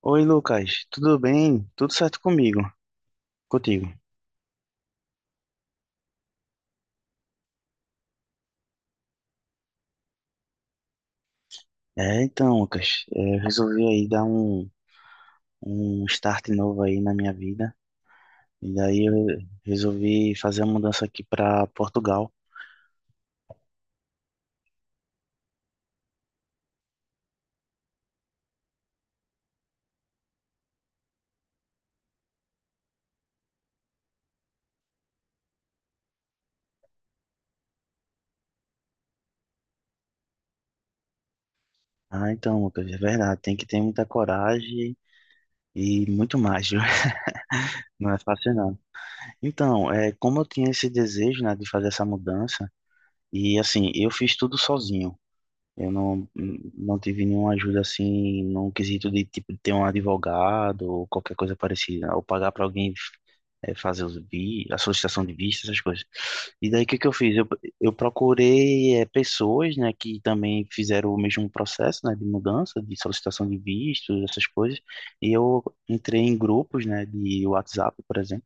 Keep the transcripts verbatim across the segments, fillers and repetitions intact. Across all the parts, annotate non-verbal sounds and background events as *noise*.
Oi, Lucas, tudo bem? Tudo certo comigo? Contigo? É, então, Lucas, é, eu resolvi aí dar um, um start novo aí na minha vida. E daí eu resolvi fazer a mudança aqui para Portugal. Ah, então, Lucas, é verdade, tem que ter muita coragem e muito mais, viu? *laughs* Não é fácil não. Então, é, como eu tinha esse desejo, né, de fazer essa mudança, e assim, eu fiz tudo sozinho. Eu não, não tive nenhuma ajuda assim, num quesito de tipo de ter um advogado ou qualquer coisa parecida, ou pagar para alguém eh, fazer os vi, a solicitação de visto, essas coisas. E daí o que que eu fiz? Eu, eu procurei eh, pessoas, né, que também fizeram o mesmo processo, né, de mudança, de solicitação de visto, essas coisas. E eu entrei em grupos, né, de WhatsApp, por exemplo,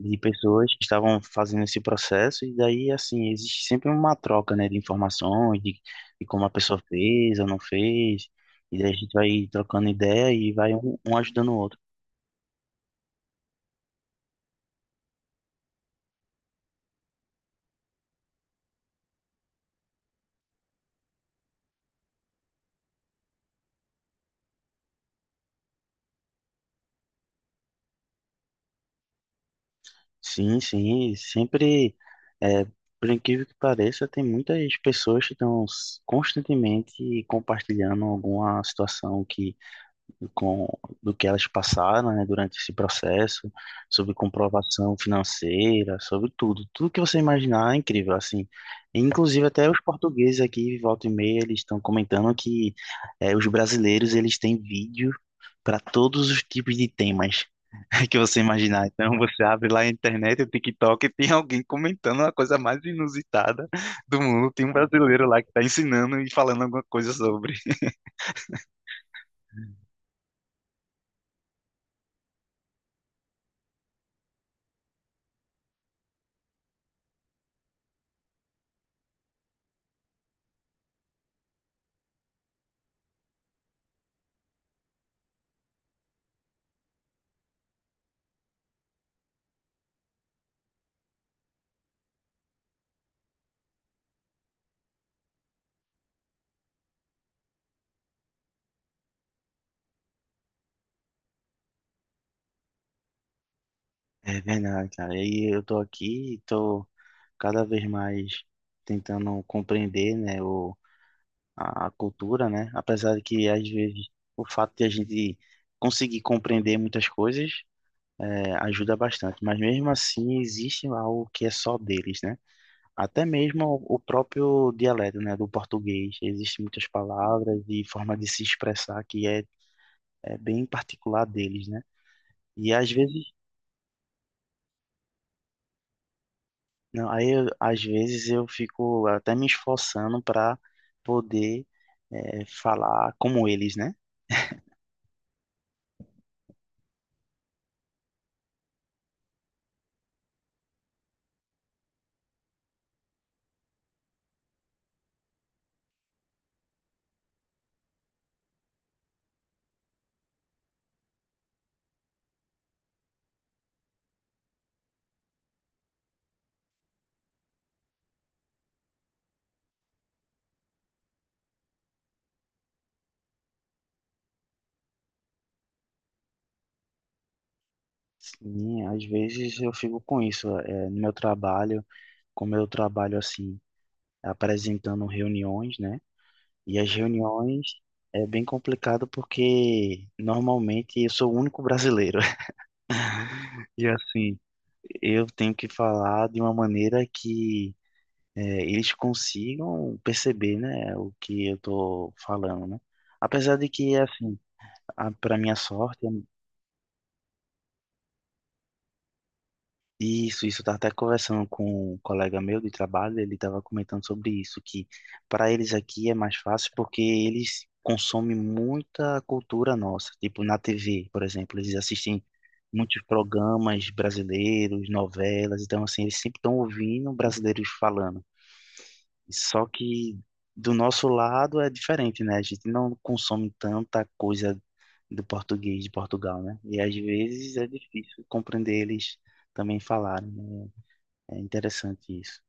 de pessoas que estavam fazendo esse processo, e daí, assim, existe sempre uma troca, né, de informações, de, de como a pessoa fez ou não fez, e daí a gente vai trocando ideia e vai um, um ajudando o outro. Sim, sim, sempre, é, por incrível que pareça, tem muitas pessoas que estão s- constantemente compartilhando alguma situação que com do que elas passaram, né, durante esse processo, sobre comprovação financeira, sobre tudo, tudo que você imaginar é incrível, assim. Inclusive até os portugueses aqui, volta e meia, eles estão comentando que eh, os brasileiros eles têm vídeo para todos os tipos de temas *laughs* que você imaginar. Então você abre lá a internet, o TikTok, e tem alguém comentando a coisa mais inusitada do mundo. Tem um brasileiro lá que está ensinando e falando alguma coisa sobre. É verdade, cara. E eu tô aqui, tô cada vez mais tentando compreender, né, o, a, a cultura, né? Apesar de que às vezes o fato de a gente conseguir compreender muitas coisas é, ajuda bastante, mas mesmo assim existe algo que é só deles, né? Até mesmo o o próprio dialeto, né, do português, existem muitas palavras e forma de se expressar que é, é bem particular deles, né? E às vezes. Não, aí eu- às vezes eu fico até me esforçando para poder eh, falar como eles, né? Sim, às vezes eu fico com isso eh, no meu trabalho, como eu trabalho assim, apresentando reuniões, né? E as reuniões é bem complicado porque normalmente eu sou o único brasileiro *laughs* e assim eu tenho que falar de uma maneira que é, eles consigam perceber, né, o que eu tô falando, né? Apesar de que, assim, a para minha sorte, eu- isso, isso eu tava até conversando com um colega meu de trabalho, ele tava comentando sobre isso, que para eles aqui é mais fácil porque eles consomem muita cultura nossa, tipo na T V, por exemplo, eles assistem muitos programas brasileiros, novelas, então assim, eles sempre estão ouvindo brasileiros falando. Só que do nosso lado é diferente, né? A gente não consome tanta coisa do português de Portugal, né? E às vezes é difícil compreender eles também falarem, né? É interessante isso.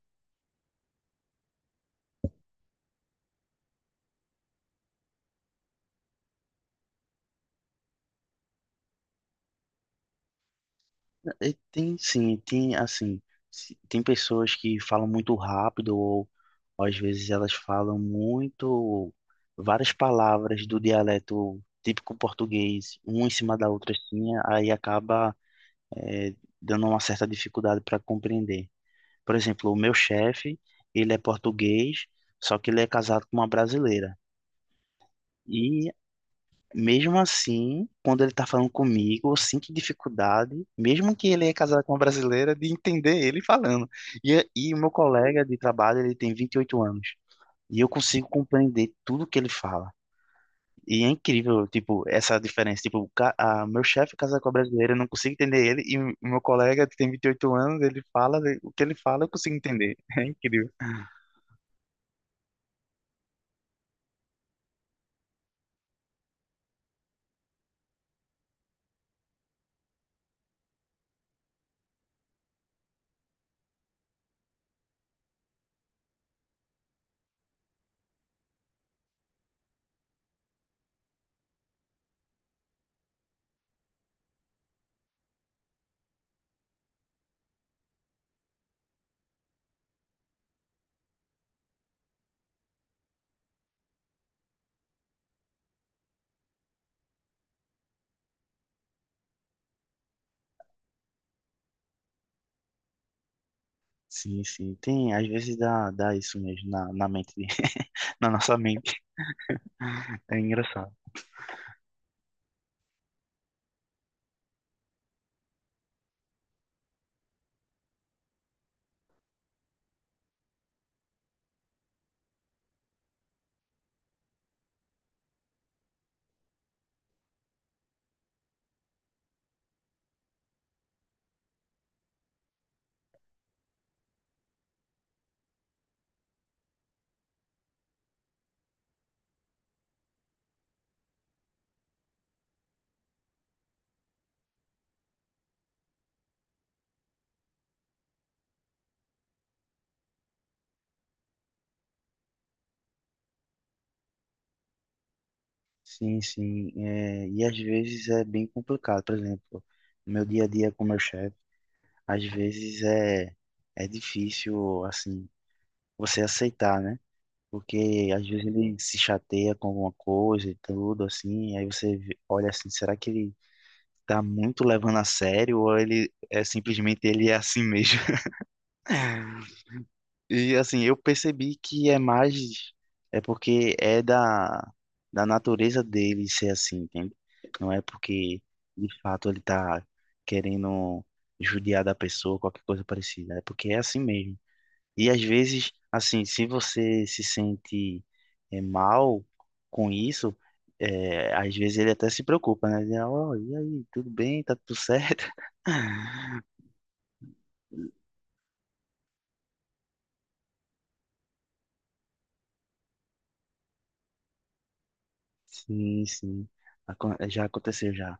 E tem sim, tem assim, se- tem pessoas que falam muito rápido ou, ou às vezes elas falam muito várias palavras do dialeto típico português, uma em cima da outra assim, aí acaba é, dando uma certa dificuldade para compreender. Por exemplo, o meu chefe, ele é português, só que ele é casado com uma brasileira. E mesmo assim, quando ele tá falando comigo, eu sinto dificuldade, mesmo que ele é casado com uma brasileira, de entender ele falando. E, e o meu colega de trabalho, ele tem vinte e oito anos. E eu consigo compreender tudo que ele fala. E é incrível, tipo, essa diferença. Tipo, o ca- a, meu chefe casar com a brasileira, eu não consigo entender ele. E o meu colega que tem vinte e oito anos, ele fala, o que ele fala, eu consigo entender. *laughs* É incrível. Sim, sim. Tem, às vezes dá, dá isso mesmo na, na mente, de- *laughs* na nossa mente. É engraçado. Sim, sim. É, e às vezes é bem complicado. Por exemplo, no meu dia a dia com meu chefe, às vezes é, é difícil, assim, você aceitar, né? Porque às vezes ele se chateia com alguma coisa e tudo, assim, aí você vê- olha assim, será que ele tá muito levando a sério ou ele é simplesmente ele é assim mesmo? *laughs* E assim, eu percebi que é mais, é porque é da, da natureza dele ser assim, entende? Não é porque de fato ele tá querendo judiar da pessoa, qualquer coisa parecida, é porque é assim mesmo. E às vezes, assim, se você se sente eh, mal com isso, eh, às vezes ele até se preocupa, né? Ele, "Ó, e aí, tudo bem? Tá tudo certo?" *laughs* Sim, sim. Acon- eh, Já aconteceu já.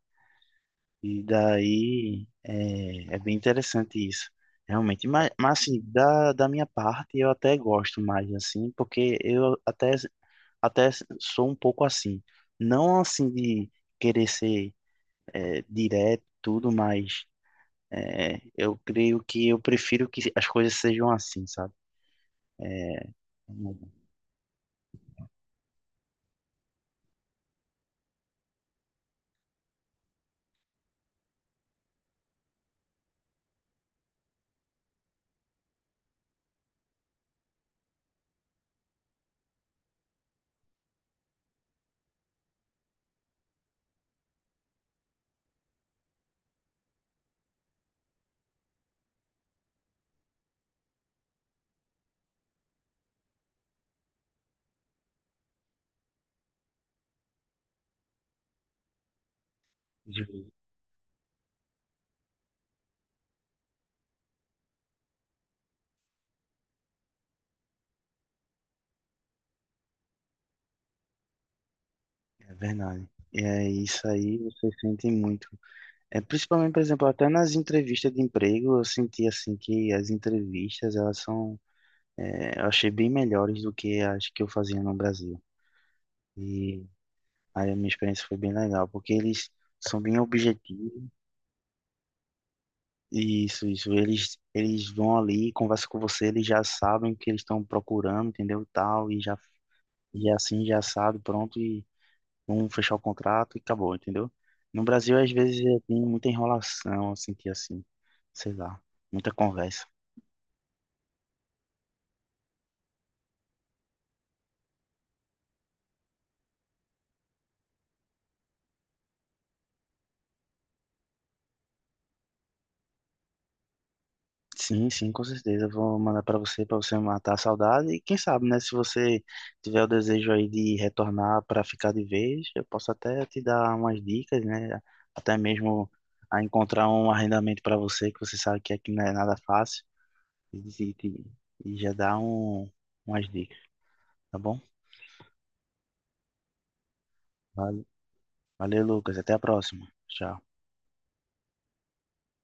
E daí é, é bem interessante isso, realmente. Mas, mas assim, da, da minha parte, eu até gosto mais, assim, porque eu até, até sou um pouco assim. Não assim de querer ser é, direto, tudo, mas é, eu creio que eu prefiro que as coisas sejam assim, sabe? É verdade. É isso aí, você sente muito. É, principalmente, por exemplo, até nas entrevistas de emprego, eu senti assim que as entrevistas, elas são, é, eu achei bem melhores do que as que eu fazia no Brasil. E aí a minha experiência foi bem legal, porque eles são bem objetivos. e Isso, isso. Eles, eles vão ali, conversam com você, eles já sabem o que eles estão procurando, entendeu? Tal, e já, e assim, já assado, pronto, e vamos fechar o contrato e acabou, entendeu? No Brasil, às vezes, é, tem muita enrolação, eu senti assim, sei lá, muita conversa. Sim, sim, com certeza. Eu vou mandar para você, para você matar a saudade. E quem sabe, né? Se você tiver o desejo aí de retornar para ficar de vez, eu posso até te dar umas dicas, né? Até mesmo a encontrar um arrendamento para você, que você sabe que aqui não é nada fácil. E, e, e já dar um, umas dicas, tá bom? Valeu. Valeu, Lucas. Até a próxima. Tchau.